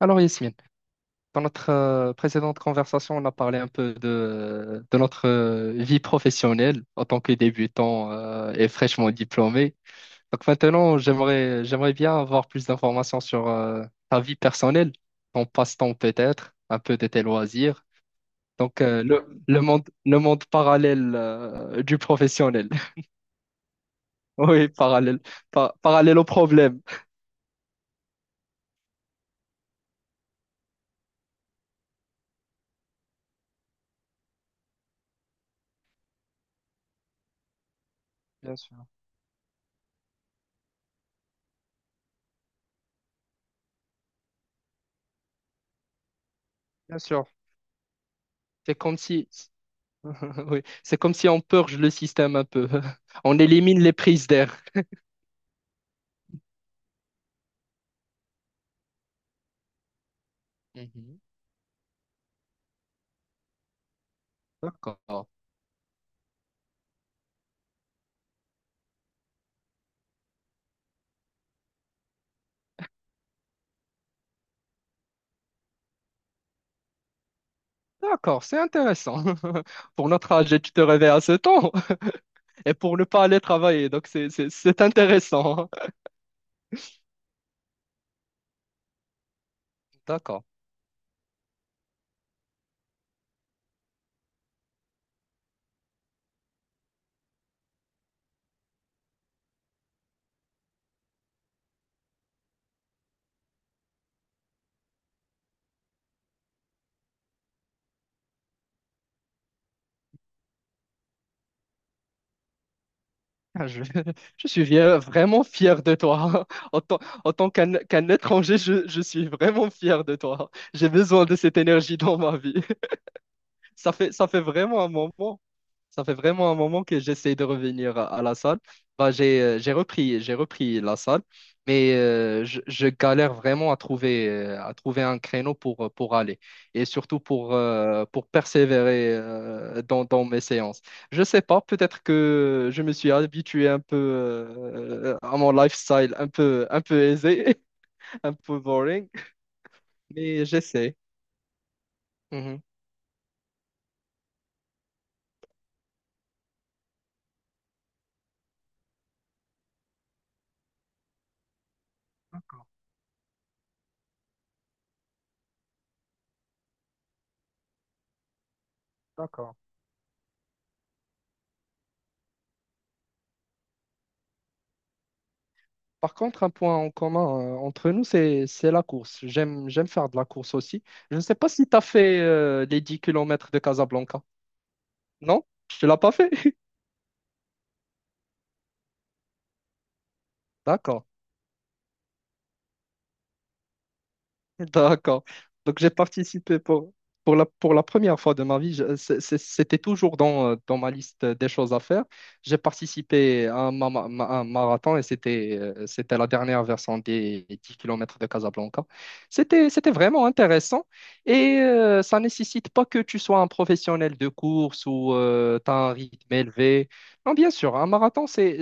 Alors Yasmine, dans notre précédente conversation, on a parlé un peu de notre vie professionnelle en tant que débutant et fraîchement diplômé. Donc maintenant, j'aimerais bien avoir plus d'informations sur ta vie personnelle, ton passe-temps peut-être, un peu de tes loisirs. Donc le monde parallèle du professionnel. Oui, parallèle parallèle au problème. Bien sûr. Bien sûr. C'est comme si oui, c'est comme si on purge le système un peu. On élimine les prises d'air. Mhm. D'accord. D'accord, c'est intéressant. Pour notre âge, tu te réveilles à ce temps et pour ne pas aller travailler. Donc, c'est intéressant. D'accord. Ah, je, je suis vraiment fier de toi. En tant qu'un étranger, je suis vraiment fier de toi. J'ai besoin de cette énergie dans ma vie. Ça fait vraiment un moment. Ça fait vraiment un moment que j'essaie de revenir à la salle. Bah, j'ai repris la salle, mais je galère vraiment à trouver un créneau pour aller et surtout pour persévérer dans mes séances. Je sais pas, peut-être que je me suis habitué un peu à mon lifestyle un peu aisé, un peu boring, mais j'essaie. Mhm. D'accord. Par contre, un point en commun entre nous, c'est la course. J'aime faire de la course aussi. Je ne sais pas si tu as fait les 10 kilomètres de Casablanca. Non? Tu l'as pas fait? D'accord. D'accord. Donc j'ai participé pour la première fois de ma vie. C'était toujours dans, dans ma liste des choses à faire. J'ai participé à un, un marathon et c'était c'était la dernière version des 10 kilomètres de Casablanca. C'était vraiment intéressant et ça nécessite pas que tu sois un professionnel de course ou tu as un rythme élevé. Non, bien sûr, un marathon, c'est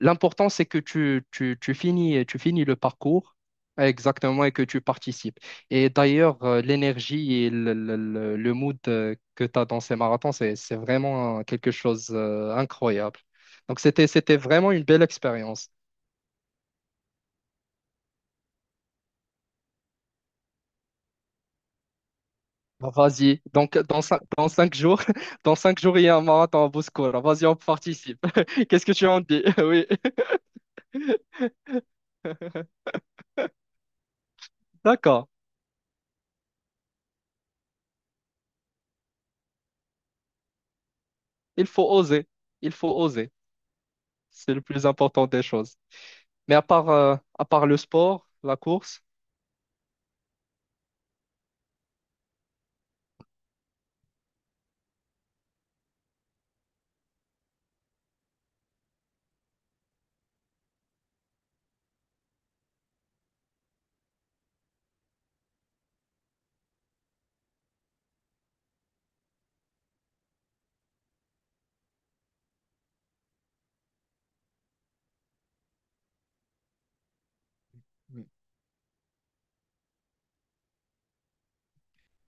l'important, c'est que tu finis le parcours. Exactement, et que tu participes. Et d'ailleurs, l'énergie et le mood que tu as dans ces marathons, c'est vraiment quelque chose d'incroyable. Donc, c'était vraiment une belle expérience. Bah, vas-y, donc dans cinq jours, dans cinq jours, il y a un marathon à Bouskoura. Vas-y, on participe. Qu'est-ce que tu en dis? Oui. D'accord, il faut oser. Il faut oser. C'est le plus important des choses. Mais à part le sport, la course.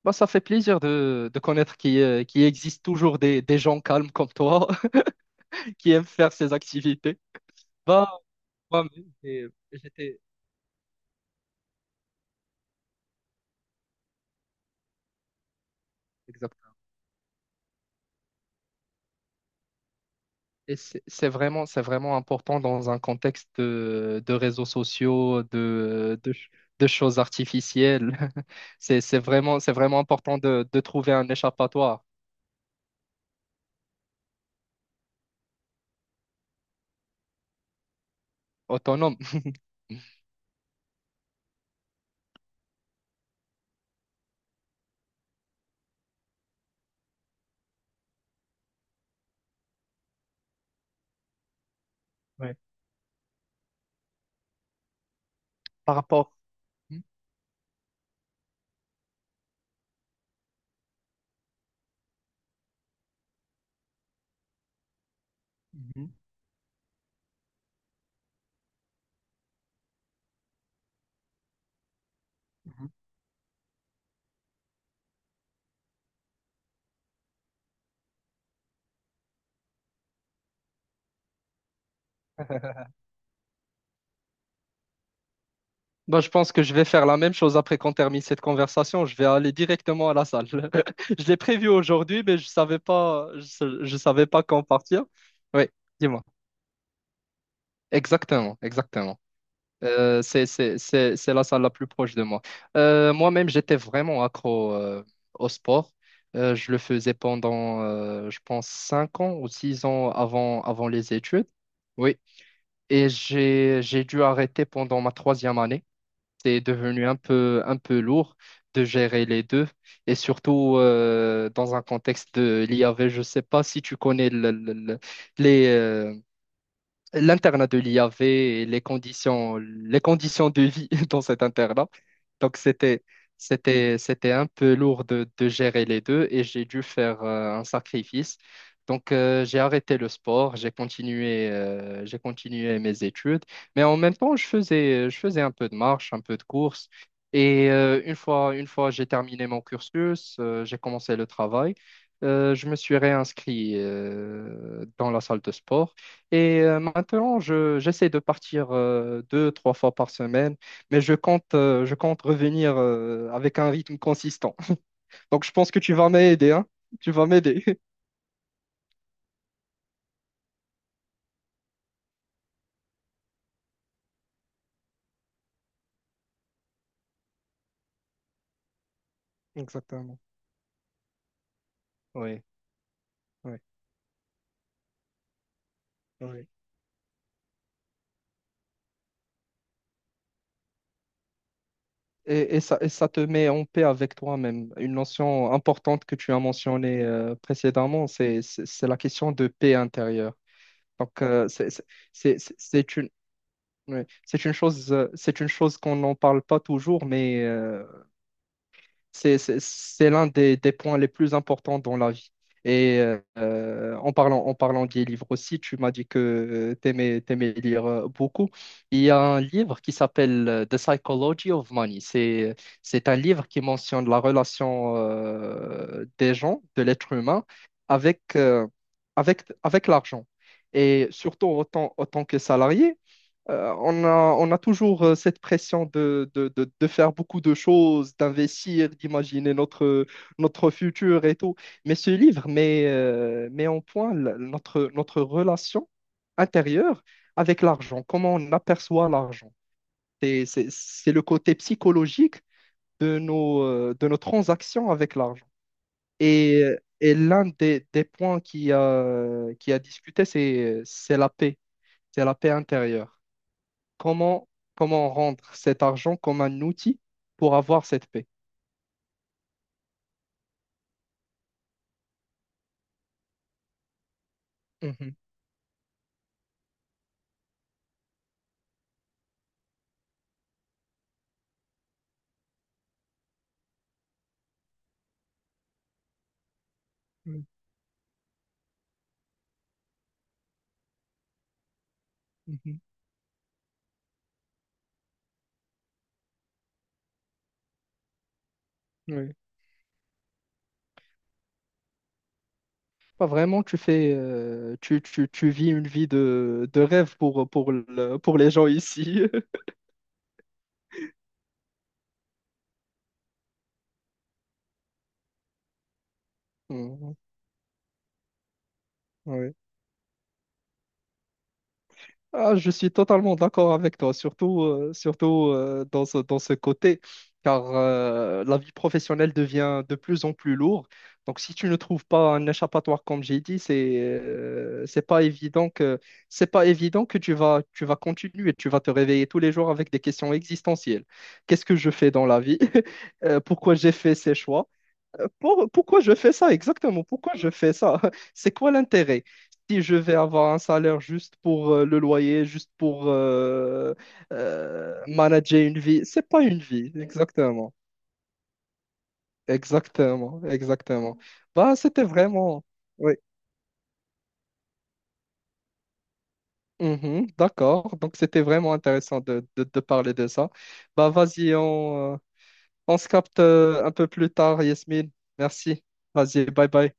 Bah, ça fait plaisir de connaître qu'il qu'il existe toujours des gens calmes comme toi qui aiment faire ces activités. Bah, j'étais exactement. Et c'est vraiment important dans un contexte de réseaux sociaux, de choses artificielles. C'est vraiment important de trouver un échappatoire autonome. Ouais. Par rapport. Mhm, mhm, mhm. Bah, je pense que je vais faire la même chose après qu'on termine cette conversation. Je vais aller directement à la salle. Je l'ai prévu aujourd'hui, mais je savais pas, je savais pas quand partir. Oui, dis-moi. Exactement, exactement. C'est la salle la plus proche de moi. Moi-même, j'étais vraiment accro au sport. Je le faisais pendant, je pense, 5 ans ou 6 ans avant, avant les études. Oui, et j'ai dû arrêter pendant ma troisième année. C'est devenu un peu lourd de gérer les deux, et surtout dans un contexte de l'IAV. Je ne sais pas si tu connais les, l'internat de l'IAV et les conditions de vie dans cet internat. Donc, c'était un peu lourd de gérer les deux et j'ai dû faire un sacrifice. Donc, j'ai arrêté le sport, j'ai continué mes études, mais en même temps, je faisais un peu de marche, un peu de course. Et une fois j'ai terminé mon cursus, j'ai commencé le travail, je me suis réinscrit dans la salle de sport. Et maintenant, j'essaie de partir deux, trois fois par semaine, mais je compte revenir avec un rythme consistant. Donc, je pense que tu vas m'aider, hein? Tu vas m'aider. Exactement. Oui, oui, oui. Et ça te met en paix avec toi-même. Une notion importante que tu as mentionnée précédemment, c'est la question de paix intérieure. Donc, c'est une, oui, c'est une chose qu'on n'en parle pas toujours, mais c'est l'un des points les plus importants dans la vie. Et en parlant des livres aussi, tu m'as dit que tu aimais, lire beaucoup. Il y a un livre qui s'appelle The Psychology of Money. C'est un livre qui mentionne la relation des gens, de l'être humain, avec, euh, avec l'argent. Et surtout autant que salarié. Euh, on a, on a toujours cette pression de faire beaucoup de choses, d'investir, d'imaginer notre, notre futur et tout. Mais ce livre met, met en point notre, notre relation intérieure avec l'argent, comment on aperçoit l'argent. C'est le côté psychologique de nos transactions avec l'argent. Et, et l'un des points qui a discuté, c'est la paix intérieure comment, comment rendre cet argent comme un outil pour avoir cette paix. Mhm, mhm, mhm, oui. Pas vraiment, tu fais, tu vis une vie de rêve pour, pour les gens ici. Mhm, oui. Ah, je suis totalement d'accord avec toi, surtout dans ce côté, car la vie professionnelle devient de plus en plus lourde. Donc, si tu ne trouves pas un échappatoire, comme j'ai dit, c'est pas évident que c'est pas évident que tu vas continuer, tu vas te réveiller tous les jours avec des questions existentielles. Qu'est-ce que je fais dans la vie? Pourquoi j'ai fait ces choix? Pourquoi je fais ça exactement? Pourquoi je fais ça? C'est quoi l'intérêt? Si je vais avoir un salaire juste pour le loyer, juste pour manager une vie, c'est pas une vie, exactement. Exactement, exactement. Bah, c'était vraiment. Oui. Mhm, d'accord. Donc, c'était vraiment intéressant de, de parler de ça. Bah, vas-y, on se capte un peu plus tard, Yasmine. Merci. Vas-y, bye bye.